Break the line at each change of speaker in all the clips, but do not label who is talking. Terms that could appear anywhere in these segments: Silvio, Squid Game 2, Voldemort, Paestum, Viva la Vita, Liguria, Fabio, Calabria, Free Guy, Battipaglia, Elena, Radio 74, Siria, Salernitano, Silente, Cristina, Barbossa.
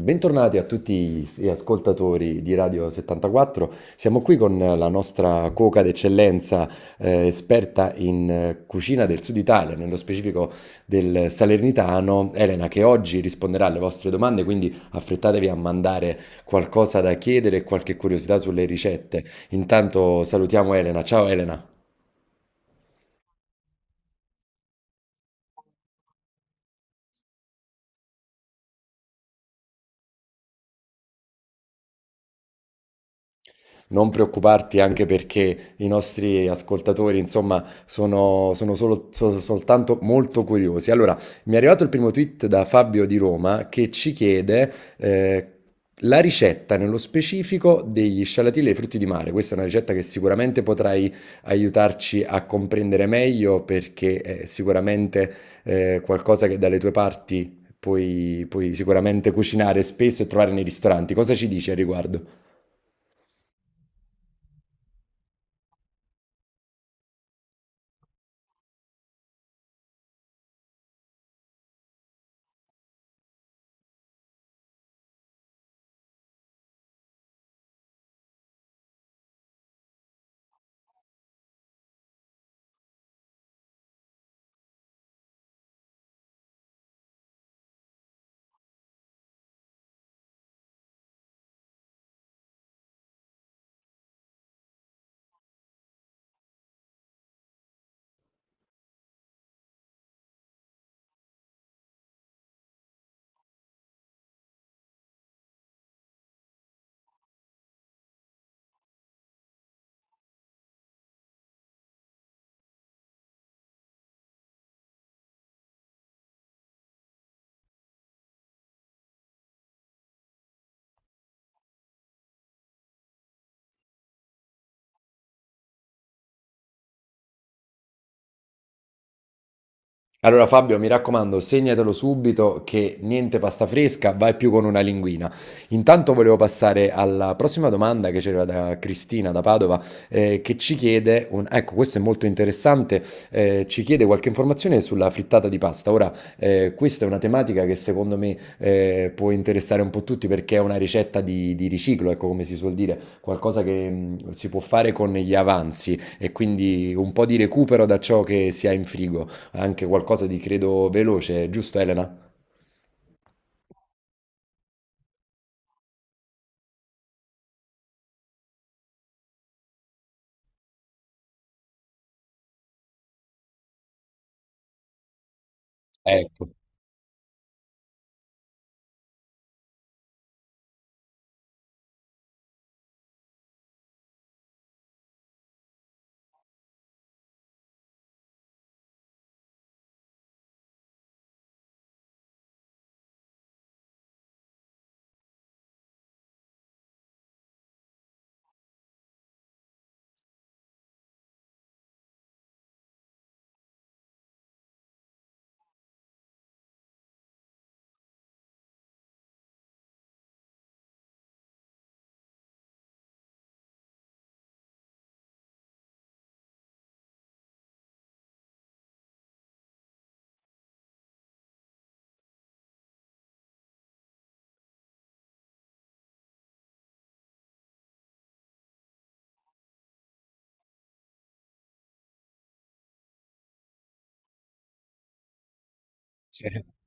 Bentornati a tutti gli ascoltatori di Radio 74. Siamo qui con la nostra cuoca d'eccellenza, esperta in cucina del Sud Italia, nello specifico del Salernitano, Elena, che oggi risponderà alle vostre domande, quindi affrettatevi a mandare qualcosa da chiedere e qualche curiosità sulle ricette. Intanto salutiamo Elena. Ciao Elena. Non preoccuparti, anche perché i nostri ascoltatori, insomma, soltanto molto curiosi. Allora, mi è arrivato il primo tweet da Fabio di Roma che ci chiede eh, la ricetta nello specifico degli scialatielli e dei frutti di mare. Questa è una ricetta che sicuramente potrai aiutarci a comprendere meglio perché è sicuramente qualcosa che dalle tue parti puoi sicuramente cucinare spesso e trovare nei ristoranti. Cosa ci dici al riguardo? Allora Fabio, mi raccomando, segnatelo subito che niente pasta fresca, vai più con una linguina. Intanto volevo passare alla prossima domanda che c'era da Cristina da Padova, che ci chiede, un- ecco, questo è molto interessante, ci chiede qualche informazione sulla frittata di pasta. Ora, questa è una tematica che secondo me può interessare un po' tutti perché è una ricetta di riciclo, ecco come si suol dire, qualcosa che si può fare con gli avanzi e quindi un po' di recupero da ciò che si ha in frigo, anche qualcosa di credo veloce, giusto Elena? Ecco.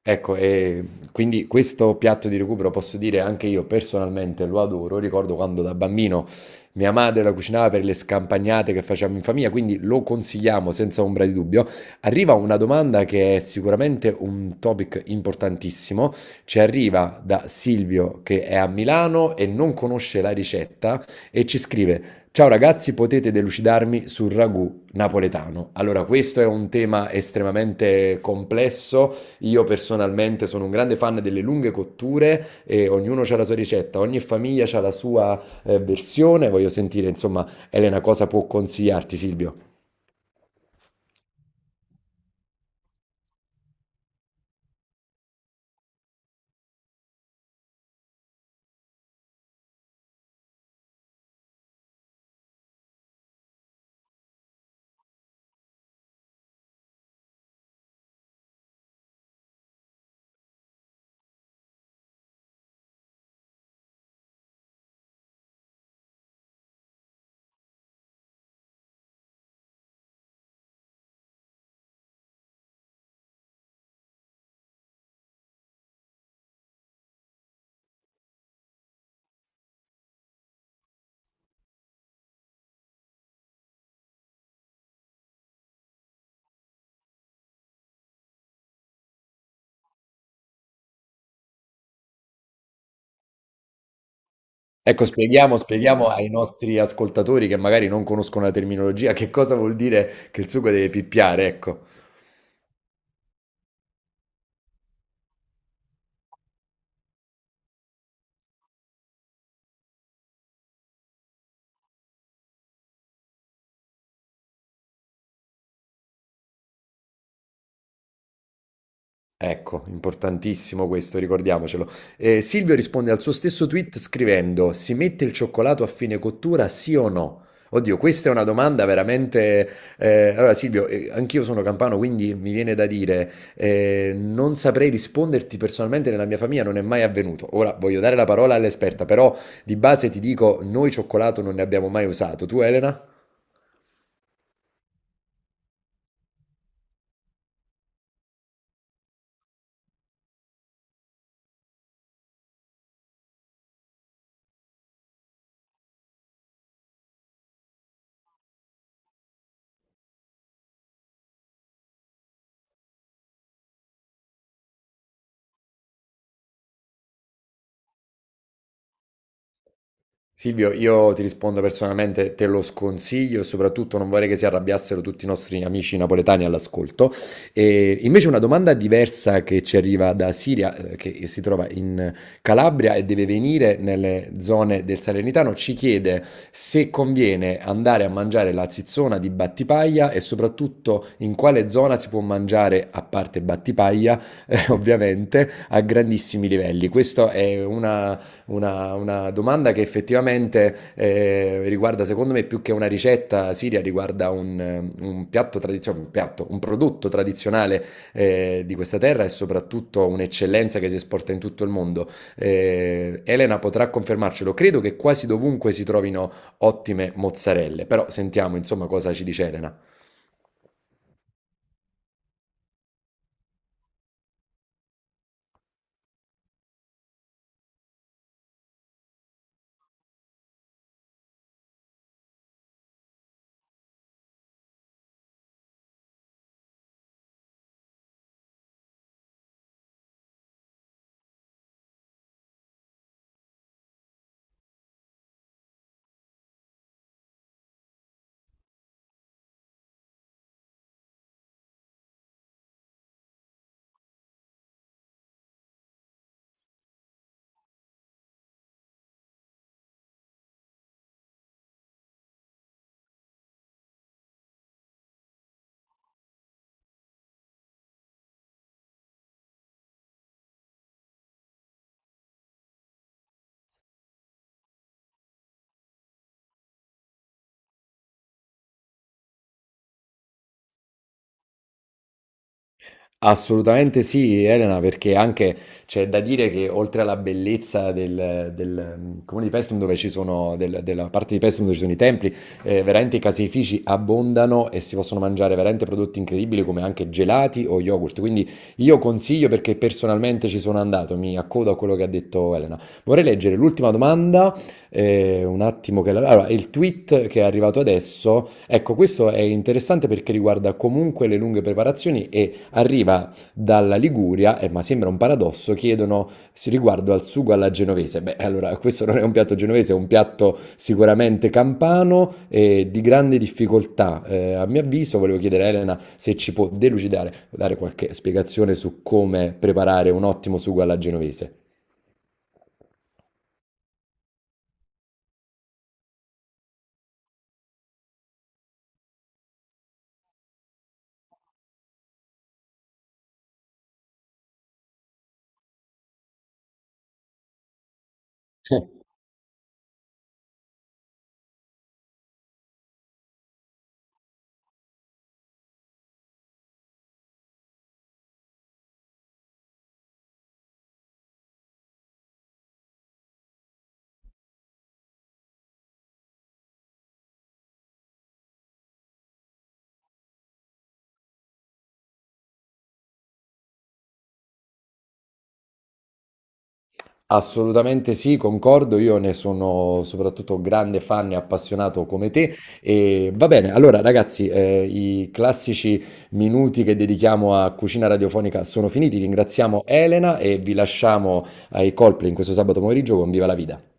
Ecco, e quindi questo piatto di recupero posso dire anche io personalmente lo adoro. Ricordo quando da bambino mia madre la cucinava per le scampagnate che facciamo in famiglia, quindi lo consigliamo senza ombra di dubbio. Arriva una domanda che è sicuramente un topic importantissimo. Ci arriva da Silvio che è a Milano e non conosce la ricetta e ci scrive: Ciao ragazzi, potete delucidarmi sul ragù napoletano? Allora, questo è un tema estremamente complesso, io personalmente sono un grande fan delle lunghe cotture e ognuno ha la sua ricetta, ogni famiglia ha la sua versione. Voglio sentire, insomma, Elena, cosa può consigliarti, Silvio? Ecco, spieghiamo, spieghiamo ai nostri ascoltatori che magari non conoscono la terminologia, che cosa vuol dire che il sugo deve pippiare, ecco. Ecco, importantissimo questo, ricordiamocelo. Silvio risponde al suo stesso tweet scrivendo: Si mette il cioccolato a fine cottura, sì o no? Oddio, questa è una domanda veramente. Allora, Silvio, anch'io sono campano, quindi mi viene da dire: non saprei risponderti personalmente, nella mia famiglia non è mai avvenuto. Ora voglio dare la parola all'esperta, però di base ti dico: noi cioccolato non ne abbiamo mai usato. Tu, Elena? Silvio, io ti rispondo personalmente, te lo sconsiglio, e soprattutto non vorrei che si arrabbiassero tutti i nostri amici napoletani all'ascolto. E invece una domanda diversa che ci arriva da Siria, che si trova in Calabria e deve venire nelle zone del Salernitano, ci chiede se conviene andare a mangiare la zizzona di Battipaglia e soprattutto in quale zona si può mangiare, a parte Battipaglia, ovviamente, a grandissimi livelli. Questa è una domanda che effettivamente riguarda, secondo me, più che una ricetta siria, riguarda un piatto tradizionale, un piatto, un prodotto tradizionale di questa terra e soprattutto un'eccellenza che si esporta in tutto il mondo. Elena potrà confermarcelo, credo che quasi dovunque si trovino ottime mozzarelle, però sentiamo insomma cosa ci dice Elena. Assolutamente sì, Elena, perché anche c'è da dire che oltre alla bellezza mm, comune di Paestum, dove ci sono, del- della parte di Paestum dove ci sono i templi, veramente i caseifici abbondano e si possono mangiare veramente prodotti incredibili come anche gelati o yogurt. Quindi io consiglio perché personalmente ci sono andato, mi accodo a quello che ha detto Elena. Vorrei leggere l'ultima domanda, un attimo che la... Allora, il tweet che è arrivato adesso, ecco, questo è interessante perché riguarda comunque le lunghe preparazioni e arriva dalla Liguria, e ma sembra un paradosso, chiedono s- riguardo al sugo alla genovese. Beh, allora, questo non è un piatto genovese, è un piatto sicuramente campano e di grande difficoltà. A mio avviso, volevo chiedere a Elena se ci può delucidare, dare qualche spiegazione su come preparare un ottimo sugo alla genovese. Eh, Assolutamente sì, concordo, io ne sono soprattutto grande fan e appassionato come te. E va bene, allora ragazzi, i classici minuti che dedichiamo a cucina radiofonica sono finiti. Ringraziamo Elena e vi lasciamo ai colpi in questo sabato pomeriggio con Viva la Vita.